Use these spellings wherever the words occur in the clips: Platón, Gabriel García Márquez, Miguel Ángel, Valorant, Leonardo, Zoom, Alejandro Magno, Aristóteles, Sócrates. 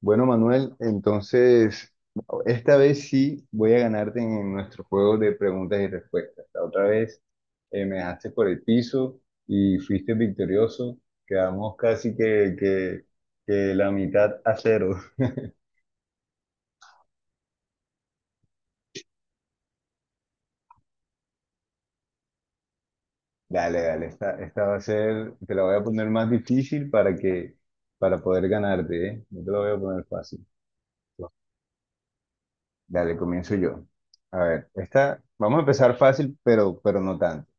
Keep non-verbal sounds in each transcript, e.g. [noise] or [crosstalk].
Bueno, Manuel, entonces esta vez sí voy a ganarte en nuestro juego de preguntas y respuestas. La otra vez me dejaste por el piso y fuiste victorioso. Quedamos casi que la mitad a cero. [laughs] Dale, dale, esta va a ser, te la voy a poner más difícil para poder ganarte, ¿eh? No te la voy a poner fácil. Dale, comienzo yo. A ver, esta, vamos a empezar fácil, pero no tanto.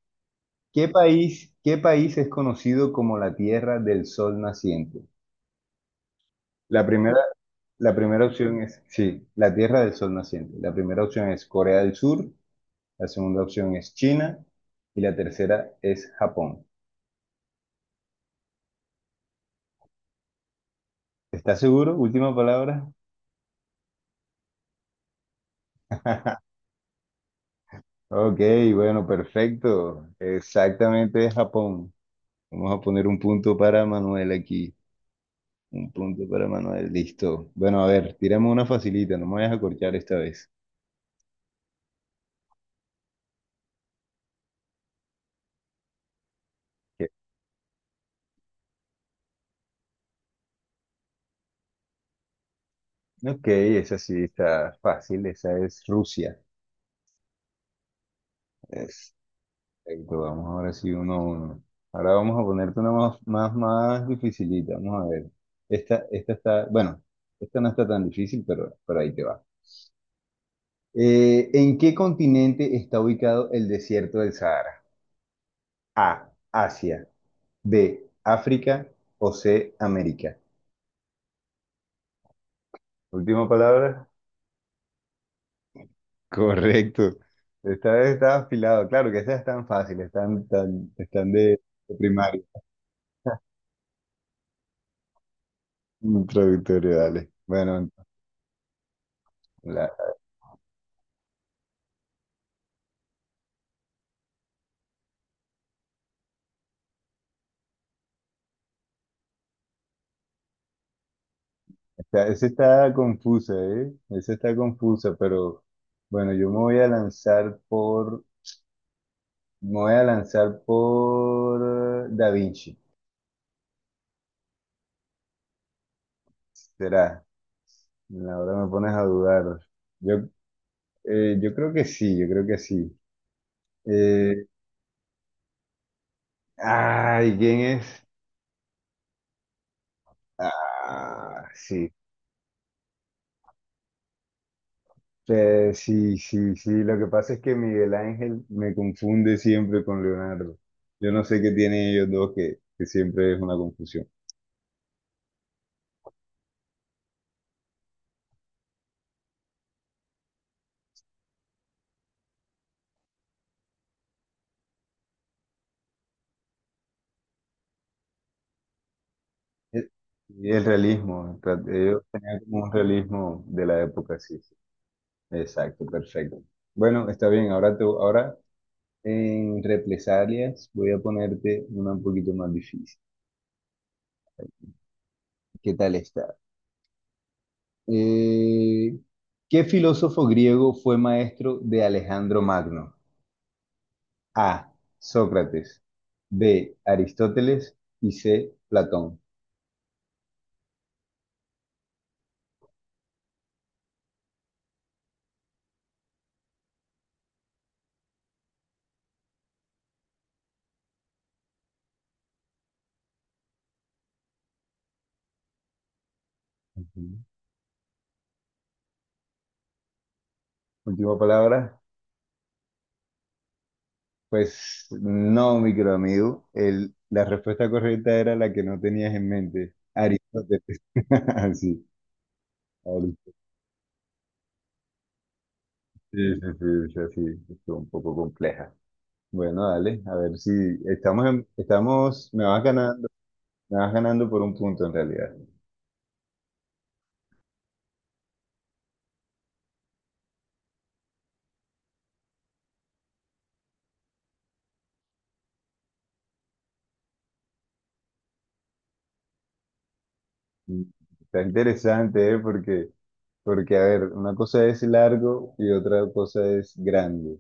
Qué país es conocido como la Tierra del Sol Naciente? La primera, la primera opción es, sí, la Tierra del Sol Naciente. La primera opción es Corea del Sur, la segunda opción es China y la tercera es Japón. ¿Estás seguro? Última palabra. [laughs] Ok, bueno, perfecto. Exactamente es Japón. Vamos a poner un punto para Manuel aquí. Un punto para Manuel, listo. Bueno, a ver, tiramos una facilita, no me vayas a corchar esta vez. Ok, esa sí está fácil, esa es Rusia. Es, perfecto, vamos ahora sí uno a uno. Ahora vamos a ponerte una más dificilita, vamos a ver. Esta está, bueno, esta no está tan difícil, pero ahí te va. ¿En qué continente está ubicado el desierto del Sahara? A, Asia, B, África o C, América. Última palabra. Correcto. Esta vez está afilado, claro que esas están fáciles, están de primaria. [laughs] Introductorio, dale. Bueno, la, esa está confusa, ¿eh? Esa está confusa, pero bueno, yo me voy a lanzar por, me voy a lanzar por Da Vinci. Será. Ahora me pones a dudar. Yo, yo creo que sí, yo creo que sí. Eh, ay, ¿quién es? Ah, sí. Sí, sí, sí. Lo que pasa es que Miguel Ángel me confunde siempre con Leonardo. Yo no sé qué tienen ellos dos que siempre es una confusión. El, y el realismo, ellos tenían como un realismo de la época, sí, sí. Exacto, perfecto. Bueno, está bien. Ahora en represalias voy a ponerte una un poquito más difícil. ¿Qué tal está? Eh, ¿Qué filósofo griego fue maestro de Alejandro Magno? A. Sócrates. B. Aristóteles. Y C. Platón. Ujú. Última palabra. Pues no, micro amigo. La respuesta correcta era la que no tenías en mente. Aristóteles. [laughs] Sí, Aristóteles. Sí, estuvo un poco compleja. Bueno, dale, a ver si estamos, me vas ganando por un punto en realidad. Mm, Está interesante, ¿eh? Porque, a ver, una cosa es largo y otra cosa es grande.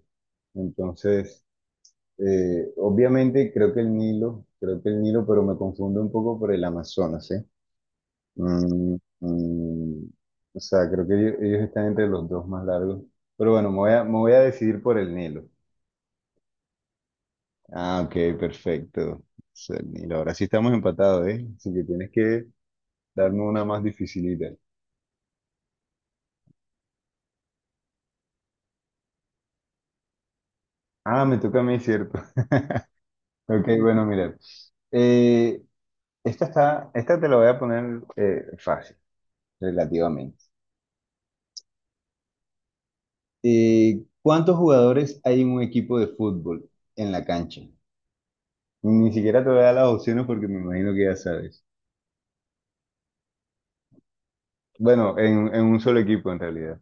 Entonces, obviamente creo que el Nilo, creo que el Nilo, pero me confundo un poco por el Amazonas, ¿eh? Mm, mm, o sea, creo que ellos están entre los dos más largos. Pero bueno, me voy a decidir por el Nilo. Ah, ok, perfecto. O sea, el Nilo. Ahora sí estamos empatados, ¿eh? Así que tienes que darme una más dificilita. Ah, me toca a mí, ¿cierto? Ok, bueno, mira. eh, esta está, esta te la voy a poner fácil, relativamente. ¿Cuántos jugadores hay en un equipo de fútbol en la cancha? Ni siquiera te voy a dar las opciones porque me imagino que ya sabes. Bueno, en un solo equipo en realidad.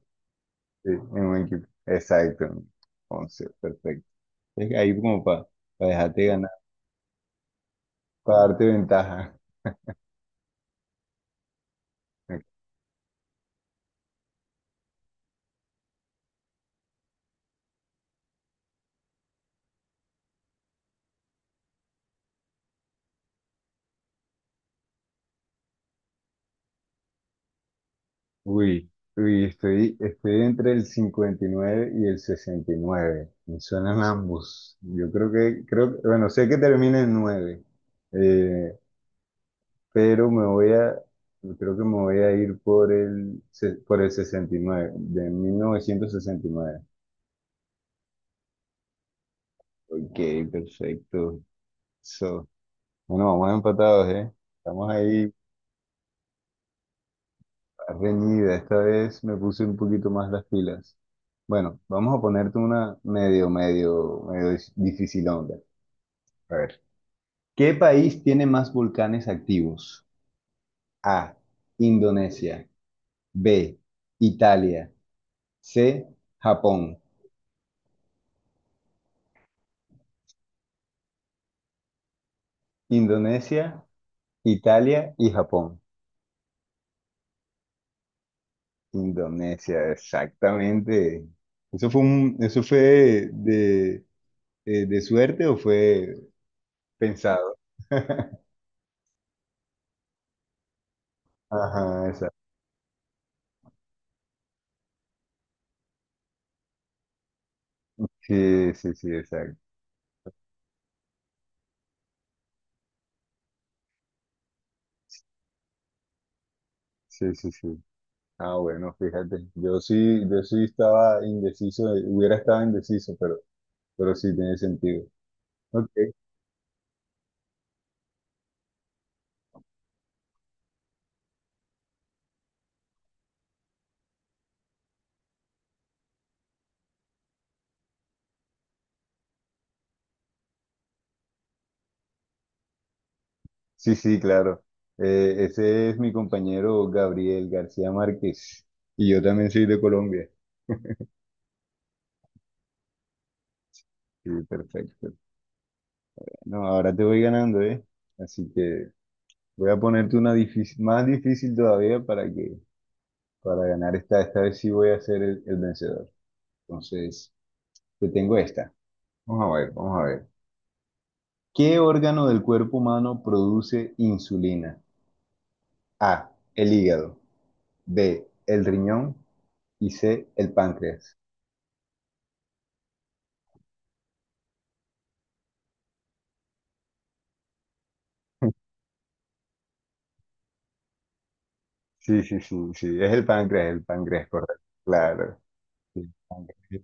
Sí, en un equipo. Exacto. 11, perfecto. Es que ahí como para dejarte ganar, para darte ventaja. Uy, estoy, estoy entre el 59 y el 69. Me suenan ambos. Yo creo que, creo, bueno, sé que termina en 9, eh, pero creo que me voy a ir por por el 69, de 1969. Ok, perfecto. So, bueno, vamos empatados, ¿eh? Estamos ahí. Reñida, esta vez me puse un poquito más las pilas. Bueno, vamos a ponerte una difícil onda. A ver. ¿Qué país tiene más volcanes activos? A. Indonesia. B. Italia. C. Japón. Indonesia, Italia y Japón. Indonesia, exactamente. Eso fue de suerte o fue pensado? [laughs] Ajá, sí, sí, sí, exacto. Sí, sí, sí. Ah, bueno, fíjate. Yo sí estaba indeciso, hubiera estado indeciso, pero sí tiene sentido. Ok. Sí, sí, claro. Ese es mi compañero Gabriel García Márquez. Y yo también soy de Colombia. Sí, perfecto. No, ahora te voy ganando, ¿eh? Así que voy a ponerte una difícil, más difícil todavía para ganar esta. Esta vez sí voy a ser el vencedor. Entonces, te tengo esta. Vamos a ver, vamos a ver. ¿Qué órgano del cuerpo humano produce insulina? A, el hígado, B, el riñón y C, el páncreas. Sí, es el páncreas, correcto. Claro. Sí, páncreas.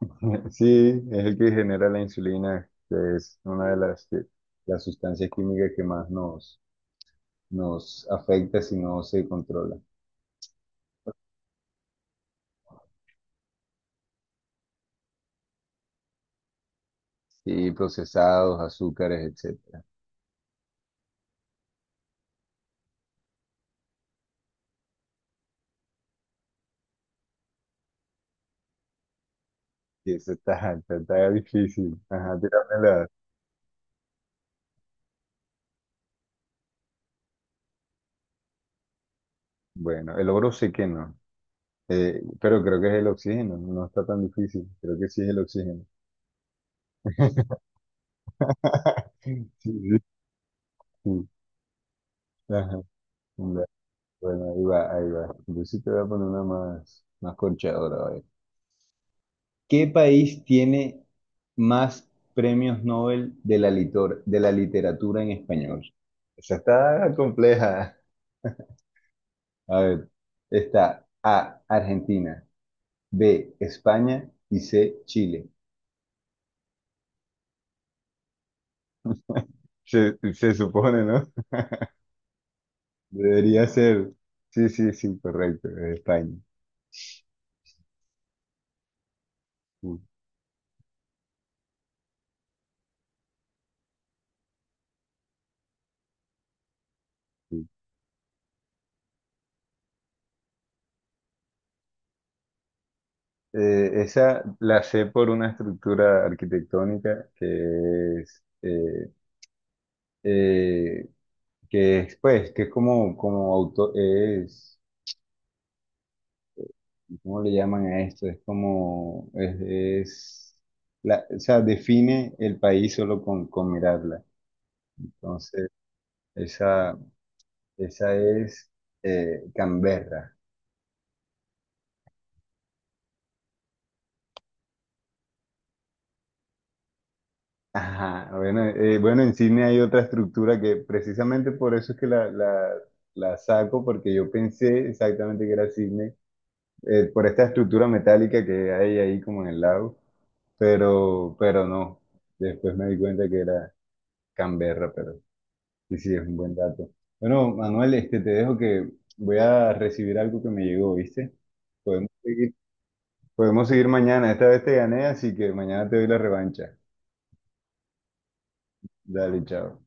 [laughs] Sí, es el que genera la insulina, que es una las sustancias químicas que más nos afecta si no se controla. Sí, procesados, azúcares, etcétera. Sí, eso está, está, está difícil. Ajá, tíramela. Bueno, el oro sé que no. Pero creo que es el oxígeno, no está tan difícil. Creo que sí es el oxígeno. [laughs] Sí, sí, sí. Ajá. Ya, bueno, ahí va, ahí va. Yo sí te voy a poner una más corchadora. Vaya. ¿Qué país tiene más premios Nobel de de la literatura en español? Esa está compleja. A ver, está A, Argentina, B, España y C, Chile. Se supone, ¿no? Debería ser, sí, sí, sí, correcto, de España. Sí, sí. Esa la sé por una estructura arquitectónica eh, que es, pues, que es como, como auto, es, ¿cómo le llaman a esto? Es como, es la, o sea, define el país solo con mirarla. Entonces, esa, esa es Canberra. Ajá, bueno, bueno, en cine hay otra estructura que precisamente por eso es que la saco, porque yo pensé exactamente que era cine, por esta estructura metálica que hay ahí como en el lago, pero no, después me di cuenta que era Canberra, pero sí, sí, es un buen dato. Bueno, Manuel, este, te dejo que voy a recibir algo que me llegó, ¿viste? Podemos seguir, podemos seguir mañana, esta vez te gané, así que mañana te doy la revancha. Dale, chao.